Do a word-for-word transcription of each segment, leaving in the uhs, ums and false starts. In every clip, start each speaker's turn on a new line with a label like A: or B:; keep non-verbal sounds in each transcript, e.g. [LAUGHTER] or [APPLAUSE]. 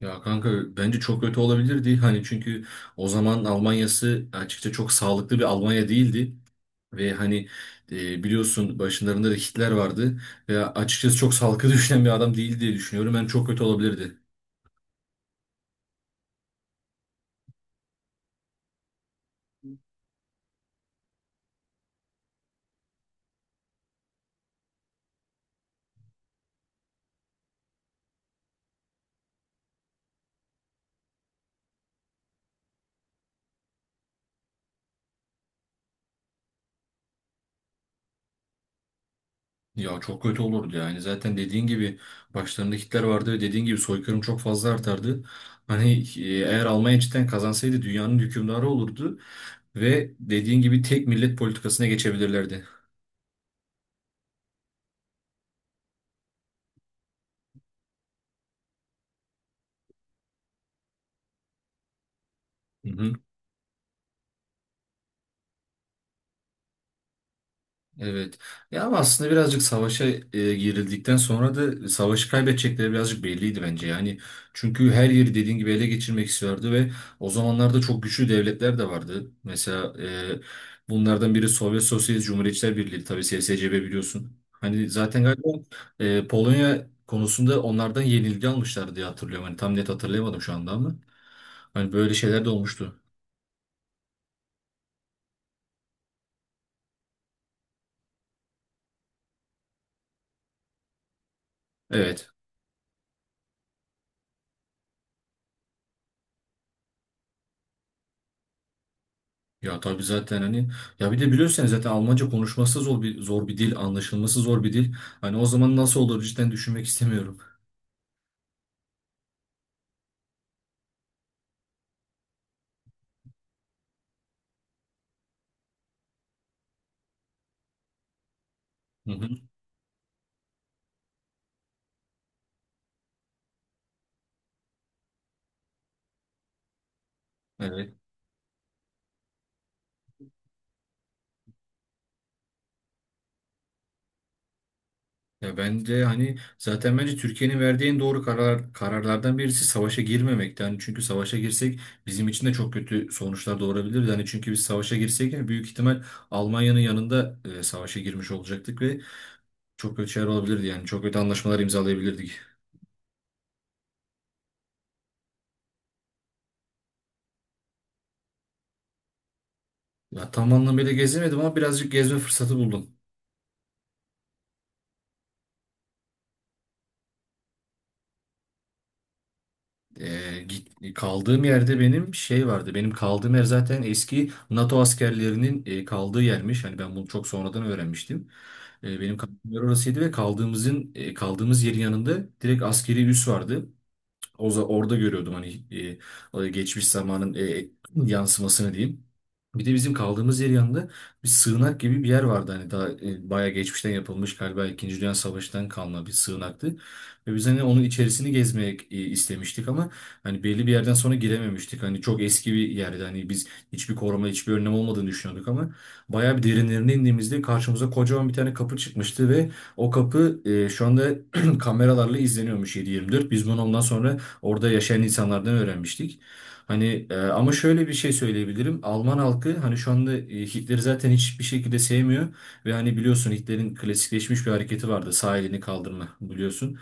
A: Ya kanka bence çok kötü olabilirdi. Hani çünkü o zaman Almanya'sı açıkça çok sağlıklı bir Almanya değildi. Ve hani e, biliyorsun başlarında da Hitler vardı. Ve açıkçası çok sağlıklı [LAUGHS] düşünen bir adam değildi diye düşünüyorum. Ben çok kötü olabilirdi. Ya çok kötü olurdu yani. Zaten dediğin gibi başlarında Hitler vardı ve dediğin gibi soykırım çok fazla artardı. Hani e, eğer Almanya cidden kazansaydı dünyanın hükümdarı olurdu. Ve dediğin gibi tek millet politikasına geçebilirlerdi. Evet. Ya ama aslında birazcık savaşa e, girildikten sonra da savaşı kaybedecekleri birazcık belliydi bence. Yani çünkü her yeri dediğin gibi ele geçirmek istiyordu ve o zamanlarda çok güçlü devletler de vardı. Mesela e, bunlardan biri Sovyet Sosyalist Cumhuriyetçiler Birliği, tabii S S C B, biliyorsun. Hani zaten galiba e, Polonya konusunda onlardan yenilgi almışlar diye hatırlıyorum. Hani tam net hatırlayamadım şu anda ama. Hani böyle şeyler de olmuştu. Evet. Ya tabii zaten hani ya bir de biliyorsun yani zaten Almanca konuşması zor bir zor bir dil, anlaşılması zor bir dil. Hani o zaman nasıl olur cidden düşünmek istemiyorum. Hı hı. Evet. Ya bence hani zaten bence Türkiye'nin verdiği en doğru karar kararlardan birisi savaşa girmemekti. Hani çünkü savaşa girsek bizim için de çok kötü sonuçlar doğurabilir. Hani çünkü biz savaşa girsek yani büyük ihtimal Almanya'nın yanında e, savaşa girmiş olacaktık ve çok kötü şeyler olabilirdi yani çok kötü anlaşmalar imzalayabilirdik. Ya tam anlamıyla gezemedim ama birazcık gezme fırsatı buldum. Ee, git- kaldığım yerde benim şey vardı. Benim kaldığım yer zaten eski NATO askerlerinin e, kaldığı yermiş. Hani ben bunu çok sonradan öğrenmiştim. E, benim kaldığım yer orasıydı ve kaldığımızın e, kaldığımız yerin yanında direkt askeri üs vardı. O za- orada görüyordum hani e, e, geçmiş zamanın e, e, yansımasını diyeyim. Bir de bizim kaldığımız yer yanında bir sığınak gibi bir yer vardı. Hani daha e, bayağı geçmişten yapılmış, galiba İkinci Dünya Savaşı'ntan kalma bir sığınaktı. Ve biz hani onun içerisini gezmek e, istemiştik ama hani belli bir yerden sonra girememiştik. Hani çok eski bir yerdi. Hani biz hiçbir koruma, hiçbir önlem olmadığını düşünüyorduk ama bayağı bir derinlerine indiğimizde karşımıza kocaman bir tane kapı çıkmıştı ve o kapı e, şu anda [CLEARS THROAT] kameralarla izleniyormuş yedi yirmi dört. Biz bunu ondan sonra orada yaşayan insanlardan öğrenmiştik. Hani e, ama şöyle bir şey söyleyebilirim. Alman halkı hani şu anda e, Hitler'i zaten hiçbir şekilde sevmiyor ve hani biliyorsun Hitler'in klasikleşmiş bir hareketi vardı. Sağ elini kaldırma, biliyorsun.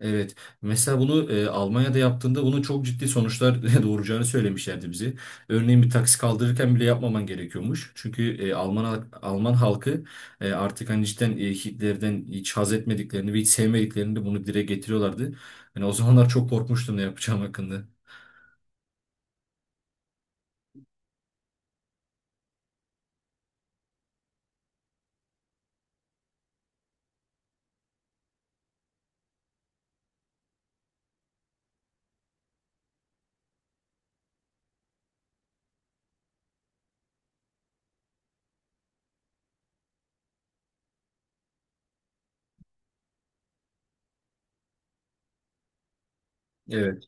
A: Evet. Mesela bunu e, Almanya'da yaptığında bunun çok ciddi sonuçlar [LAUGHS] doğuracağını söylemişlerdi bize. Örneğin bir taksi kaldırırken bile yapmaman gerekiyormuş. Çünkü e, Alman halk- Alman halkı e, artık hani cidden e, Hitler'den hiç haz etmediklerini ve hiç sevmediklerini de bunu dile getiriyorlardı. Yani o zamanlar çok korkmuştum ne yapacağım hakkında. Evet.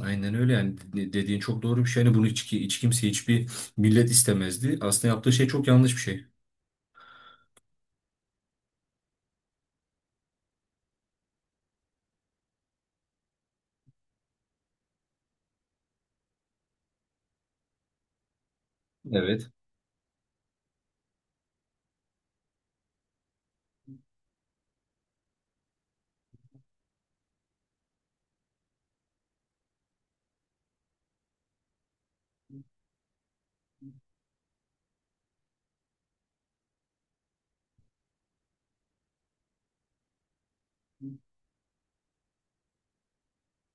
A: Aynen öyle yani. De- dediğin çok doğru bir şey. Yani bunu hiç, hiç kimse hiçbir millet istemezdi. Aslında yaptığı şey çok yanlış bir şey. Evet.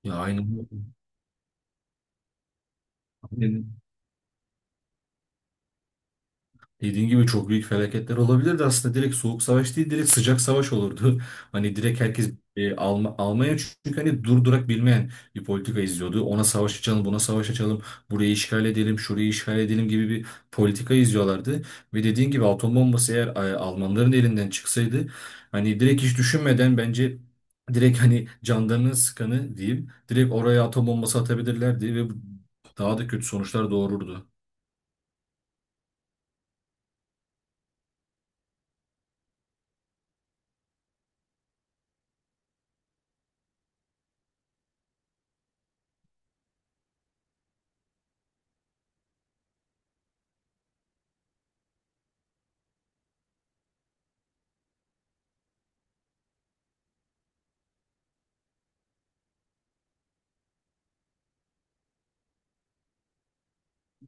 A: Ya aynen. Dediğin gibi çok büyük felaketler olabilirdi aslında, direkt soğuk savaş değil direkt sıcak savaş olurdu. [LAUGHS] Hani direkt herkes e, Alm- Almanya çünkü hani durdurak bilmeyen bir politika izliyordu. Ona savaş açalım, buna savaş açalım, burayı işgal edelim, şurayı işgal edelim gibi bir politika izliyorlardı. Ve dediğin gibi atom bombası eğer e, Almanların elinden çıksaydı hani direkt hiç düşünmeden bence direkt hani canlarını sıkanı diyeyim direkt oraya atom bombası atabilirlerdi ve bu- daha da kötü sonuçlar doğururdu.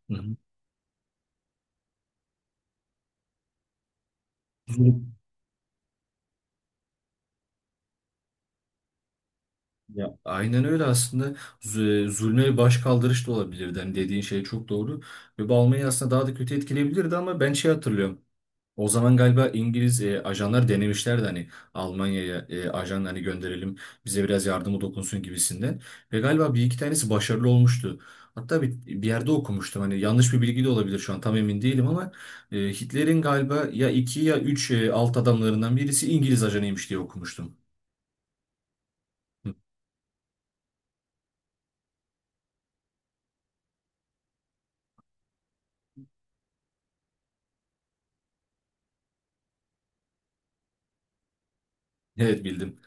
A: Hı hı. Ya aynen öyle aslında Z- zulme başkaldırış da olabilirdi. Hani dediğin şey çok doğru. Ve bu Almanya'yı aslında daha da kötü etkileyebilirdi ama ben şey hatırlıyorum. O zaman galiba İngiliz e, ajanlar denemişlerdi hani Almanya'ya e, ajan hani gönderelim bize biraz yardımı dokunsun gibisinden. Ve galiba bir iki tanesi başarılı olmuştu. Hatta bir, bir yerde okumuştum hani, yanlış bir bilgi de olabilir şu an tam emin değilim ama e, Hitler'in galiba ya iki ya üç e, alt adamlarından birisi İngiliz ajanıymış diye okumuştum. Hı, Evet, bildim.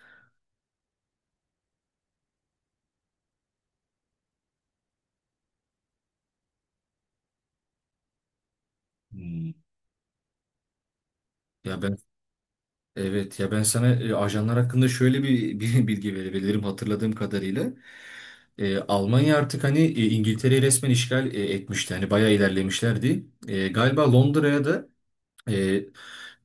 A: Hmm. Ya ben, evet ya ben sana e, ajanlar hakkında şöyle bir, [LAUGHS] bir bilgi verebilirim hatırladığım kadarıyla. E, Almanya artık hani e, İngiltere'yi resmen işgal e, etmişti. Hani bayağı ilerlemişlerdi. E, galiba Londra'ya da e,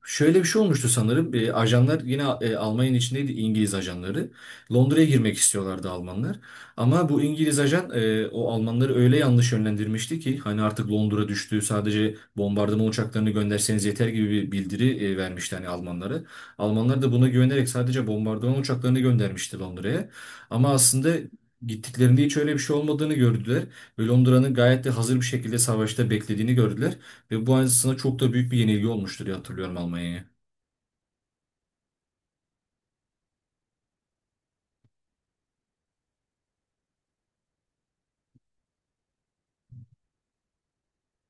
A: şöyle bir şey olmuştu sanırım. E, ajanlar yine e, Almanya'nın içindeydi, İngiliz ajanları. Londra'ya girmek istiyorlardı Almanlar. Ama bu İngiliz ajan e, o Almanları öyle yanlış yönlendirmişti ki hani artık Londra düştü, sadece bombardıman uçaklarını gönderseniz yeter gibi bir bildiri e, vermişti hani Almanlara. Almanlar da buna güvenerek sadece bombardıman uçaklarını göndermişti Londra'ya. Ama aslında gittiklerinde hiç öyle bir şey olmadığını gördüler ve Londra'nın gayet de hazır bir şekilde savaşta beklediğini gördüler. Ve bu aslında çok da büyük bir yenilgi olmuştur diye hatırlıyorum Almanya'ya.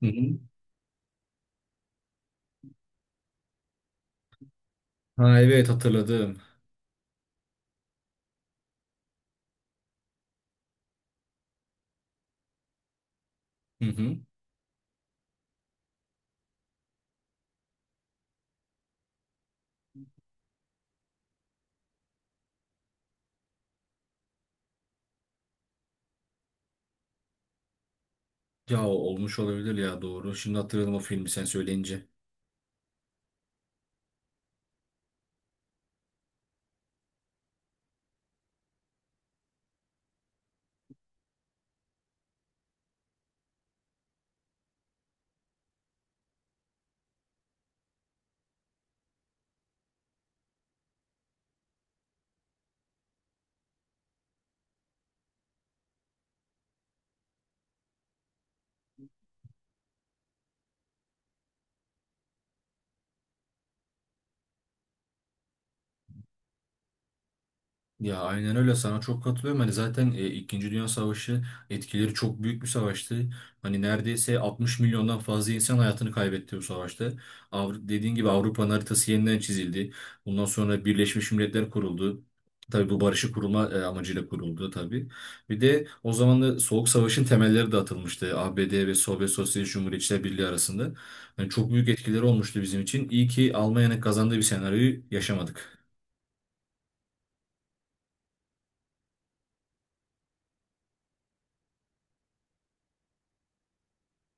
A: Hı hı. Ha evet, hatırladım. Hı hı. Ya olmuş olabilir ya, doğru. Şimdi hatırladım o filmi sen söyleyince. Ya aynen öyle, sana çok katılıyorum. Hani zaten e, İkinci Dünya Savaşı etkileri çok büyük bir savaştı. Hani neredeyse altmış milyondan fazla insan hayatını kaybetti bu savaşta. Avru dediğin gibi Avrupa'nın haritası yeniden çizildi. Bundan sonra Birleşmiş Milletler kuruldu. Tabii bu barışı kurulma e, amacıyla kuruldu tabii. Bir de o zaman da Soğuk Savaş'ın temelleri de atılmıştı. A B D ve Sovyet Sosyalist Cumhuriyetçiler Birliği arasında. Yani çok büyük etkileri olmuştu bizim için. İyi ki Almanya'nın kazandığı bir senaryoyu yaşamadık.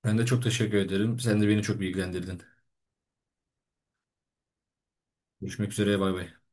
A: Ben de çok teşekkür ederim. Sen de beni çok bilgilendirdin. Görüşmek üzere. Bay bay.